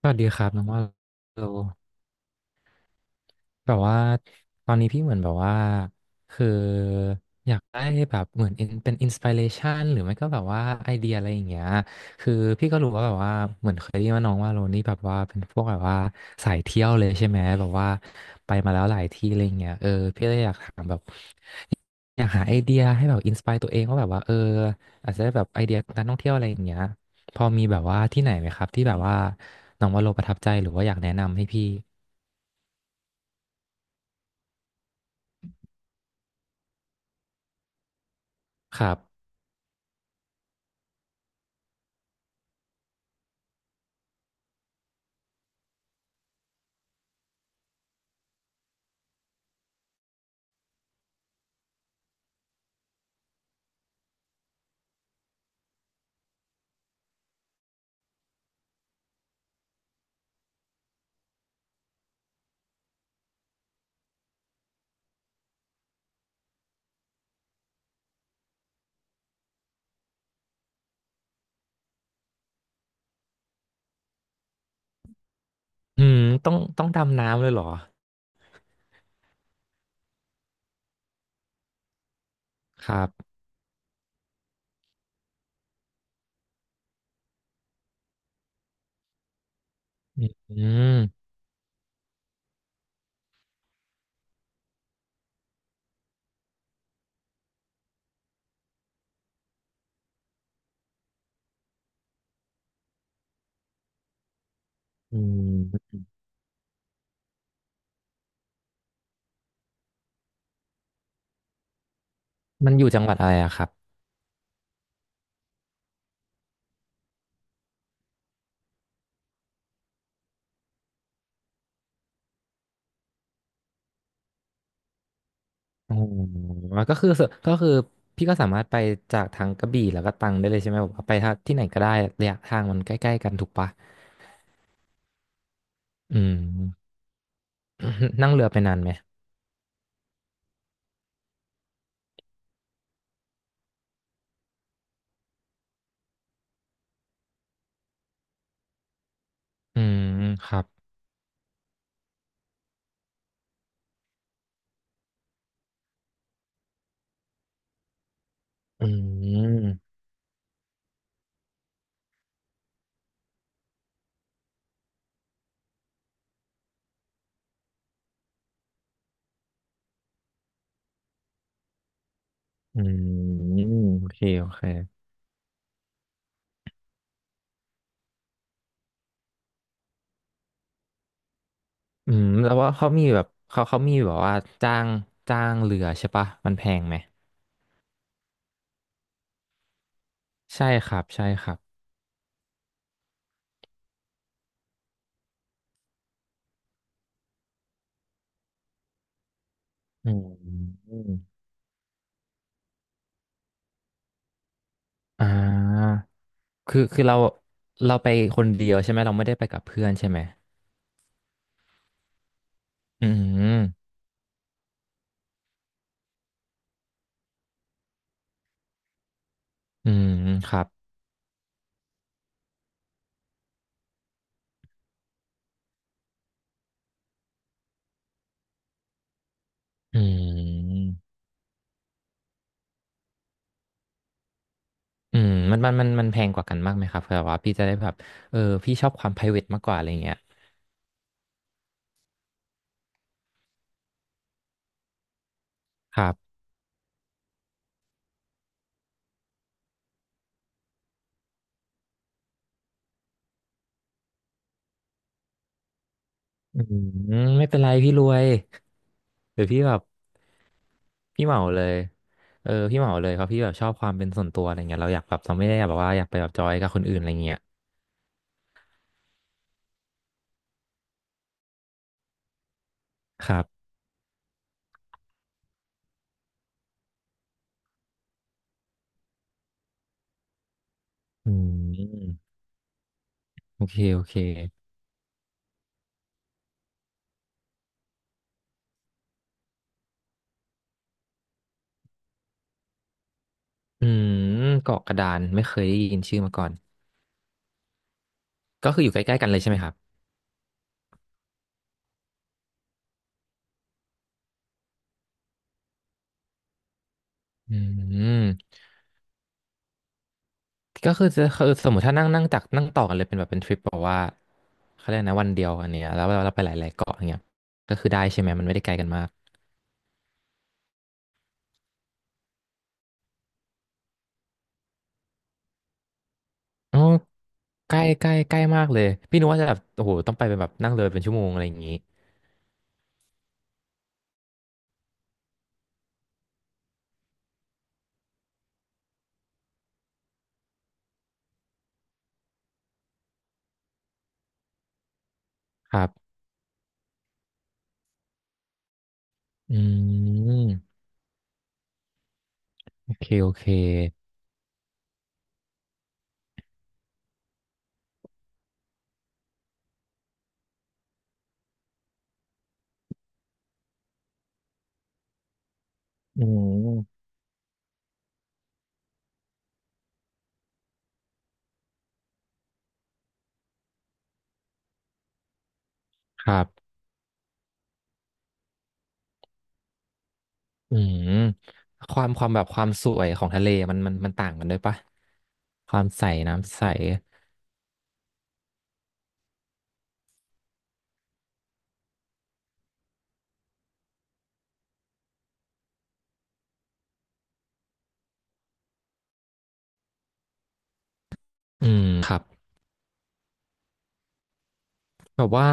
สวัสดีครับน้องว่าโลแบบว่าตอนนี้พี่เหมือนแบบว่าคืออยากได้แบบเหมือน เป็นอินสปิเรชันหรือไม่ก็แบบว่าไอเดียอะไรอย่างเงี้ยคือพี่ก็รู้ว่าแบบว่าเหมือนเคยได้ยินว่าน้องว่าโลนี่แบบว่าเป็นพวกแบบว่าสายเที่ยวเลยใช่ไหมแบบว่าไปมาแล้วหลายที่อะไรอย่างเงี้ยเออพี่เลยอยากถามแบบอยากหาไอเดียให้แบบอินสปายตัวเองว่าแบบว่าเอออาจจะได้แบบไอเดียการท่องเที่ยวอะไรอย่างเงี้ยพอมีแบบว่าที่ไหนไหมครับที่แบบว่าน้องว่าโลประทับใจหรือว่าอยากแนะนำให้พี่ ครับอืมต้องดำน้ำเลยเหรอ ครับอืมอืมมันอยู่จังหวัดอะไรอะครับอ๋อก็คือก็คือพี่ก็สามารถไปจากทางกระบี่แล้วก็ตรังได้เลยใช่ไหมแบบว่าไปทางที่ไหนก็ได้ระยะทางมันใกล้ๆกันถูกปะอืม นั่งเรือไปนานไหมอืมครับอืมอืมโอเคโอเคอืมแล้วว่าเขามีแบบเขามีแบบว่าจ้างจ้างเรือใช่ปะ มันแพงไหม ใช่ครับ ใช่ครับ อืมอ่าคือเราไปคนเดียวใช่ไหมเราไม่ได้ไปกับเพื่อนใช่ไหมอืมอืมครับอืมอืมมันแพงกว่ากันมากไหมครับเผื่อว่าพี่จะได้แบบเออพี่ชอบความ private มากกว่าอะไรเงี้ยครับอืมไม่เป็นไรพี่รวยหรือพี่แบบพี่เหมาเลยเออพี่เหมาเลยเพราะพี่แบบชอบความเป็นส่วนตัวอะไรเงี้ยเราอยากแบบเราไม่ได้แบบว่าอยากไปแบบจอยกับคนอื่นอะไรเงี้ยครับอืมโอเคโอเค อืมเกาะกระดานไม่เคยได้ยินชื่อมาก่อนก็คืออยู่ใกล้ๆกันเลยใช่ไหมครับอืมก็คือจะคือสมมติถ้านั่งนั่งจากนั่งต่อกันเลยเป็นแบบเป็นทริปบอกว่าเขาเรียกนะวันเดียวอันเนี้ยแล้วเราไปหลายๆเกาะอย่างเงี้ยก็คือได้ใช่ไหมมันไม่ได้ไกลกันมากอ๋อใกล้ใกล้ใกล้มากเลยพี่นึกว่าจะแบบโอ้โหต้องไปเป็นแบบนั่งเรือเป็นชั่วโมงอะไรอย่างงี้ครับอืมโอเคโอเคอืมครับ อืมความความแบบความสวยของทะเลมันต่างกันด้วยปะความใสน้ำใสอืมครับแบบว่า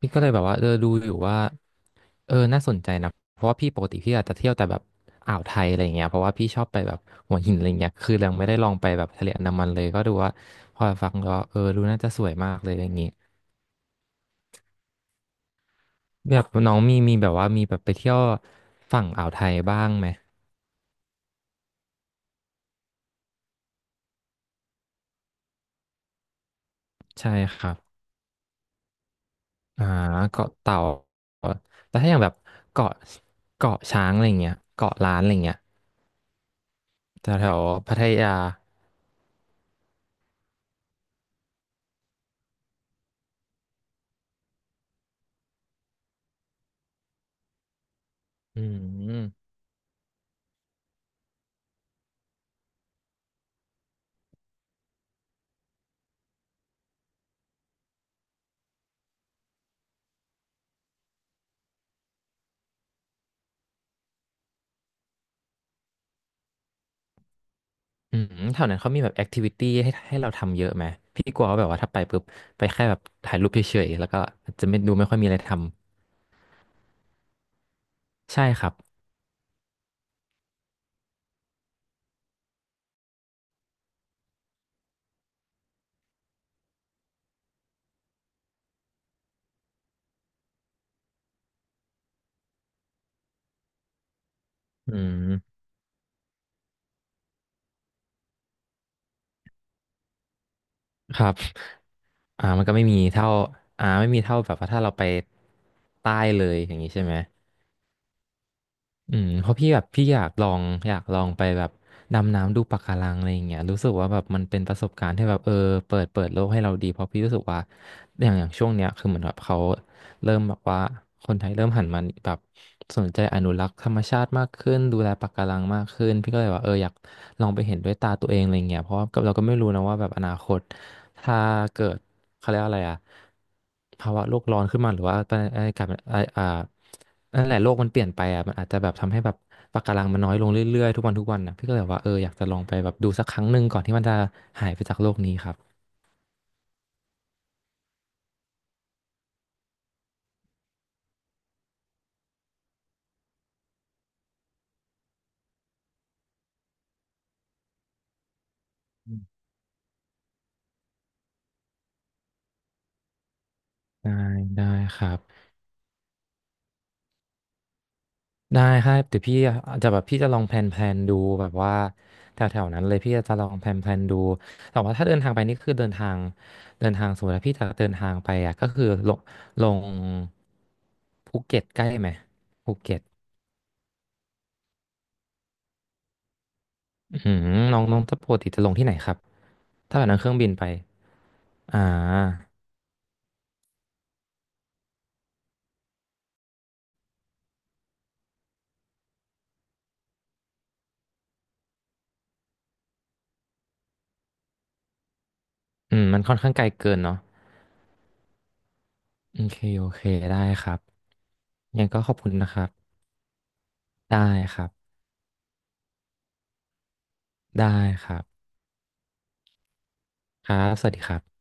พี่ก็เลยแบบว่าเออดูอยู่ว่าเออน่าสนใจนะเพราะว่าพี่ปกติพี่อาจจะเที่ยวแต่แบบอ่าวไทยอะไรเงี้ยเพราะว่าพี่ชอบไปแบบหัวหินอะไรเงี้ยคือยังไม่ได้ลองไปแบบทะเลอันดามันเลยก็ดูว่าพอฟังก็เออดูน่าจะสวยมากเลยอย่างงี้แบบน้องมีแบบว่ามีแบบไปเที่ยวฝั่งอ่าวไทยบ้างไหมใช่ครับ อ่าเกาะเต่าแต่ถ้าอย่างแบบเกาะเกาะช้างอะไรเงี้ยเกาะล้านอะไรเงี้ยแถวแถวพัทยาอืมอืมแถวนั้นเขามีแบบแอคทิวิตี้ให้เราทำเยอะไหมพี่กลัวว่าแบบว่าถ้าไปปุ๊บไปแค่แบบถ่ายรูปเฉยๆแล้วก็จะไม่ดูไม่ค่อยมีอะไรทำใช่ครับอืมครับอ่ามันก็ไม่มีเท่าไม่มีเท่าแบบว่าถ้าเราไปใต้เลยอย่างนี้ใช่ไหม อืมเพราะพี่แบบพี่อยากลองอยากลองไปแบบดำน้ำดูปะการังอะไรอย่างเงี้ยรู้สึกว่าแบบมันเป็นประสบการณ์ที่แบบเออเปิดโลกให้เราดีเพราะพี่รู้สึกว่าอย่างช่วงเนี้ยคือเหมือนแบบเขาเริ่มแบบว่าคนไทยเริ่มหันมาแบบสนใจอนุรักษ์ธรรมชาติมากขึ้นดูแลปะการังมากขึ้นพี่ก็เลยว่าเอออยากลองไปเห็นด้วยตาตัวเองอะไรเงี้ยเพราะว่าเราก็ไม่รู้นะว่าแบบอนาคตถ้าเกิดเขาเรียกว่าอะไรอะภาวะโลกร้อนขึ้นมาหรือว่าอะไรกลายเป็นอ่า นั่นแหละโลกมันเปลี่ยนไปอ่ะมันอาจจะแบบทำให้แบบปะการังมันน้อยลงเรื่อยๆทุกวันทุกวันนะพี่ก็เลยแบบว่าเอออยากจะลองไปแบบดูสักครั้งหนึ่งก่อนที่มันจะหายไปจากโลกนี้ครับได้ได้ครับได้ครับเดี๋ยวพี่อาจจะแบบพี่จะลองแพลนแพลนดูแบบว่าแถวๆนั้นเลยพี่จะลองแพลนแพลนดูแต่ว่าถ้าเดินทางไปนี่คือเดินทางเดินทางสมมติว่าพี่จะเดินทางไปอ่ะก็คือลงลงภูเก็ตใกล้ไหมภูเก็ตอืมน้องน้องจะปกติจะลงที่ไหนครับถ้าแบบนั่งเครื่องบินไปอ่า อืมมันค่อนข้างไกลเกินเนาะโอเคโอเคได้ครับยังไงก็ขอบคุณนะครับได้ครับได้ครับครับสวัสดีครับ